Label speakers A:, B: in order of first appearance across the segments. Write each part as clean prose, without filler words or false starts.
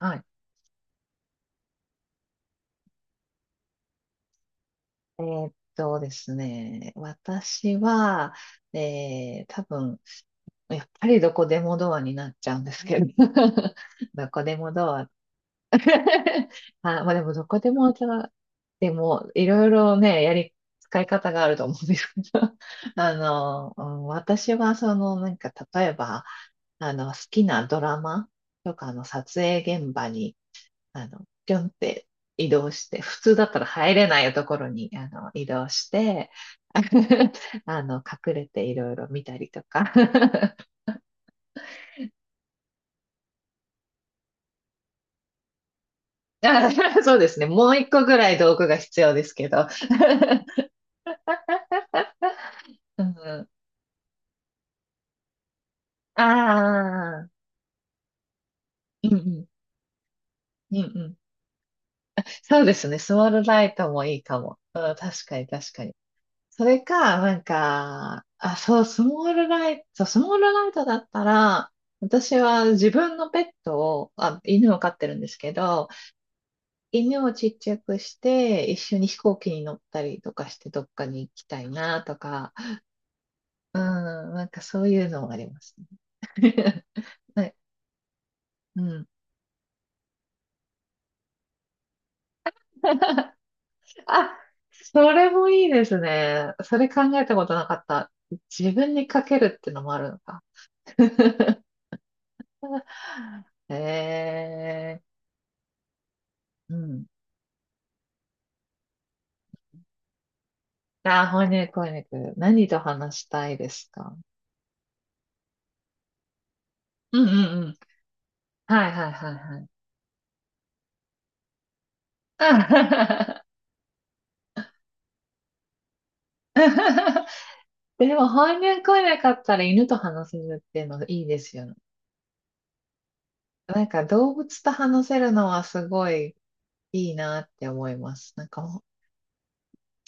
A: はい。ですね、私は、多分、やっぱりどこでもドアになっちゃうんですけど、どこでもドア。あ、まあでも、どこでもドア、でも、いろいろね、使い方があると思うんですけど、うん、私は、なんか、例えば、好きなドラマとかの撮影現場に、ぴょんって移動して、普通だったら入れないところに、移動して、隠れていろいろ見たりとか。あ、そうですね。もう一個ぐらい道具が必要ですけど。うんうん、ああ、うんうん、うんうん。そうですね。スモールライトもいいかも。うん、確かに確かに。それか、なんか、あ、そう、スモールライトだったら、私は自分のペットを、あ、犬を飼ってるんですけど、犬をちっちゃくして、一緒に飛行機に乗ったりとかして、どっかに行きたいなとか、うん、なんかそういうのもありますね。はい、うん。あ、それもいいですね。それ考えたことなかった。自分にかけるってのもあるのか。ええ、うん。あ、翻訳翻訳。何と話したいですか？うんうんうん。はいはいはいはい。でも翻訳来なかったら犬と話せるっていうのがいいですよね。なんか動物と話せるのはすごいいいなって思います。なんかもう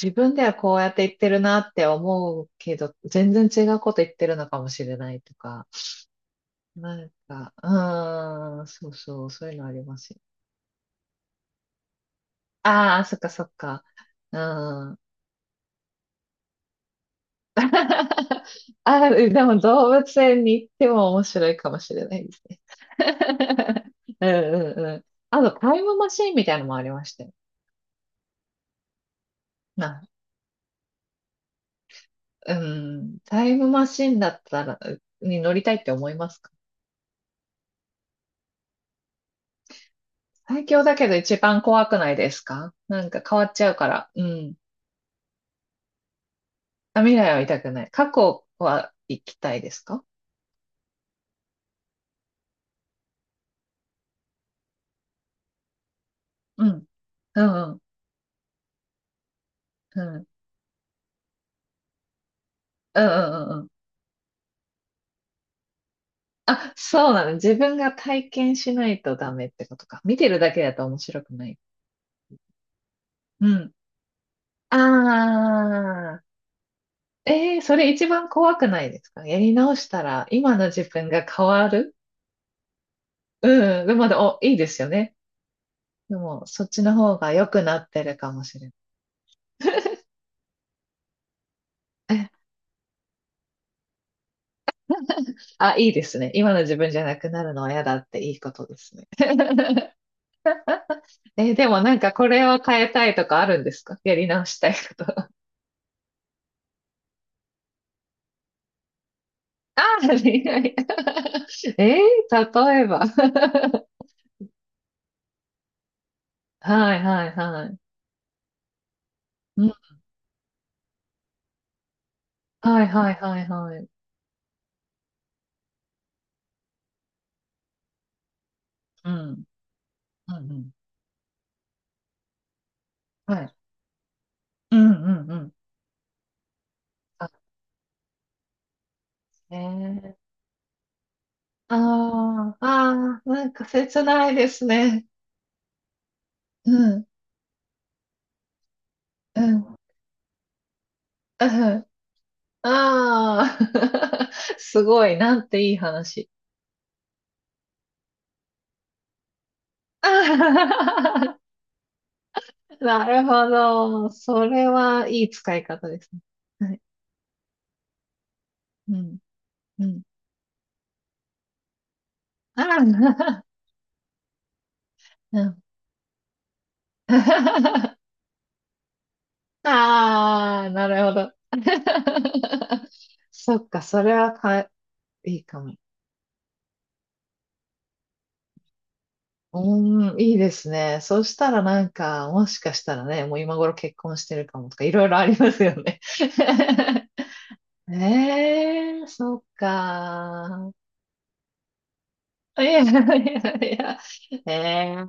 A: 自分ではこうやって言ってるなって思うけど、全然違うこと言ってるのかもしれないとか。なんか、うーん、そうそう、そういうのありますよ。ああ、そっかそっか。うーん。あ、でも動物園に行っても面白いかもしれないですね。うんうんうん。あと、タイムマシンみたいなのもありましたよ。な、うん、タイムマシンだったら、に乗りたいって思いますか？最強だけど一番怖くないですか？なんか変わっちゃうから。うん。あ、未来は痛くない。過去は行きたいですか？うん。うんうん。うん。うんうんうんうん。あ、そうなの。自分が体験しないとダメってことか。見てるだけだと面白くない。うん。ああ、それ一番怖くないですか？やり直したら今の自分が変わる。うん。でもまだ、いいですよね。でも、そっちの方が良くなってるかもしれない。えいいですね。今の自分じゃなくなるのは嫌だっていいことですね。でもなんかこれを変えたいとかあるんですか？やり直したいこと。ああ、恋愛。え例えば。はいはいはい。うん、はいはいはいはい。うん。うんうん。はい。うんうんうん。あ、ねああ、ああ、なんか切ないですね。うん、うん、うん。ああ、すごい、なんていい話。あー なるほど。それはいい使い方ですね。はい。うん、うん。ああ、ああ、なるほど。そっか、それはか、いいかも。うーん、いいですね。そうしたらなんか、もしかしたらね、もう今頃結婚してるかもとか、いろいろありますよね。ええ、そっか。いやいやいや、え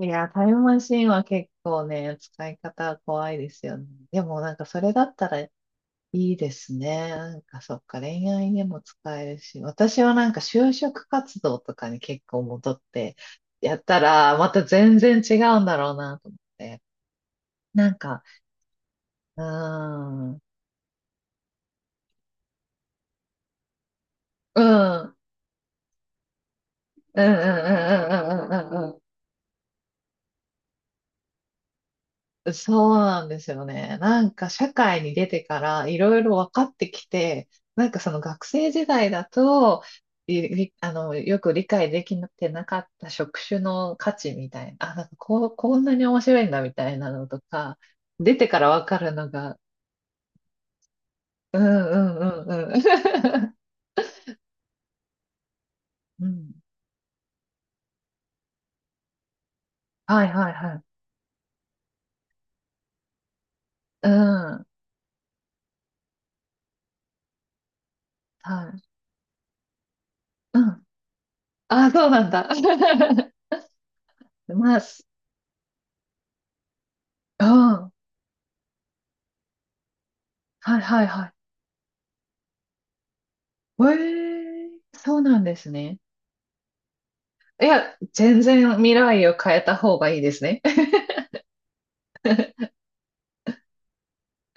A: えいや、タイムマシンは結構ね、使い方は怖いですよね。でもなんかそれだったら、いいですね。なんかそっか、恋愛にも使えるし、私はなんか就職活動とかに結構戻ってやったら、また全然違うんだろうなと思って。なんか、うーん、うん、うん、うん、うん、うん、うん、うん、うん、そうなんですよね。なんか社会に出てからいろいろ分かってきて、なんかその学生時代だと、いりあの、よく理解できてなかった職種の価値みたいな、あ、なんかこう、こんなに面白いんだみたいなのとか、出てから分かるのが、うんうんうんうん。うん。はいはいはい。うん。はい。うん。あ、そうなんだ。まあ、うん。はいはいはい。ええ、そうなんですね。いや、全然未来を変えた方がいいですね。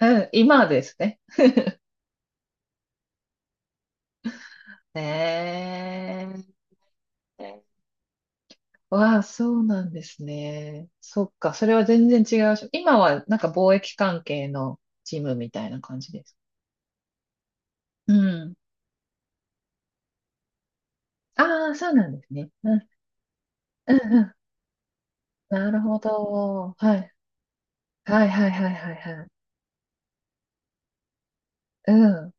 A: うん、今ですね。ねえ。わあ、そうなんですね。そっか、それは全然違うし。今はなんか貿易関係のチームみたいな感じです。うん。ああ、そうなんですね。うん、うん、うん。なるほど。はい。はい、はい、はい、はい、はい。うん。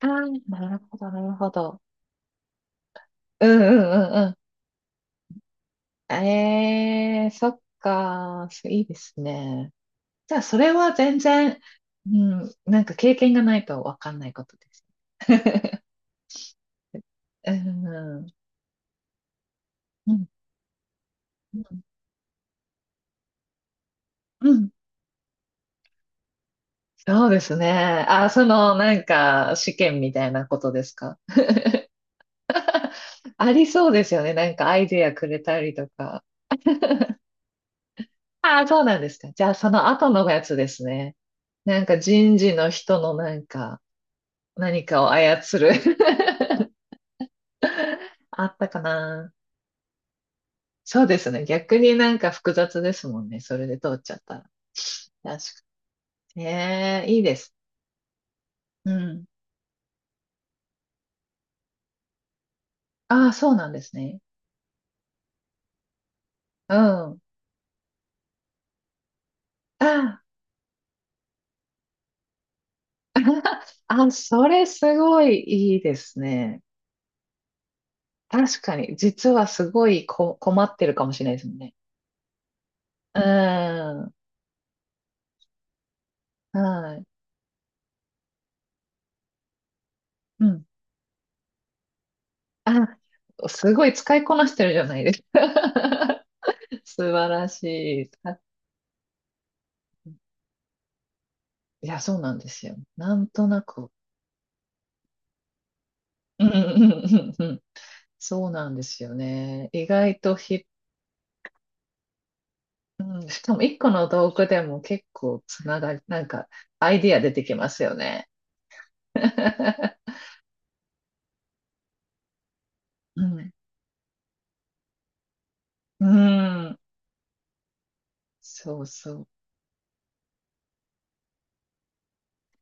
A: ああ、なるほど、なるほど。うん、うん、うん、うん。ええ、そっか、いいですね。じゃあ、それは全然、うん、なんか経験がないとわかんないことです。うん、うん、うん、うん。そうですね。あ、なんか、試験みたいなことですか？ありそうですよね。なんかアイディアくれたりとか。ああ、そうなんですか。じゃあ、その後のやつですね。なんか人事の人のなんか、何かを操る あったかな。そうですね。逆になんか複雑ですもんね。それで通っちゃったら。確ねえ、いいです。うん。ああ、そうなんですね。うん。ああ、あ、それすごいいいですね。確かに、実はすごい困ってるかもしれないですもんね。うん。はい。うん。あ、すごい使いこなしてるじゃないですか。素晴らしい。あいや、そうなんですよ。なんとなく。うんうんうんうんうん。そうなんですよね。意外とうん、しかも一個の道具でも結構つながり、なんかアイディア出てきますよね。うん。うん。そうそう。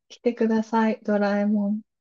A: 来てください、ドラえもん。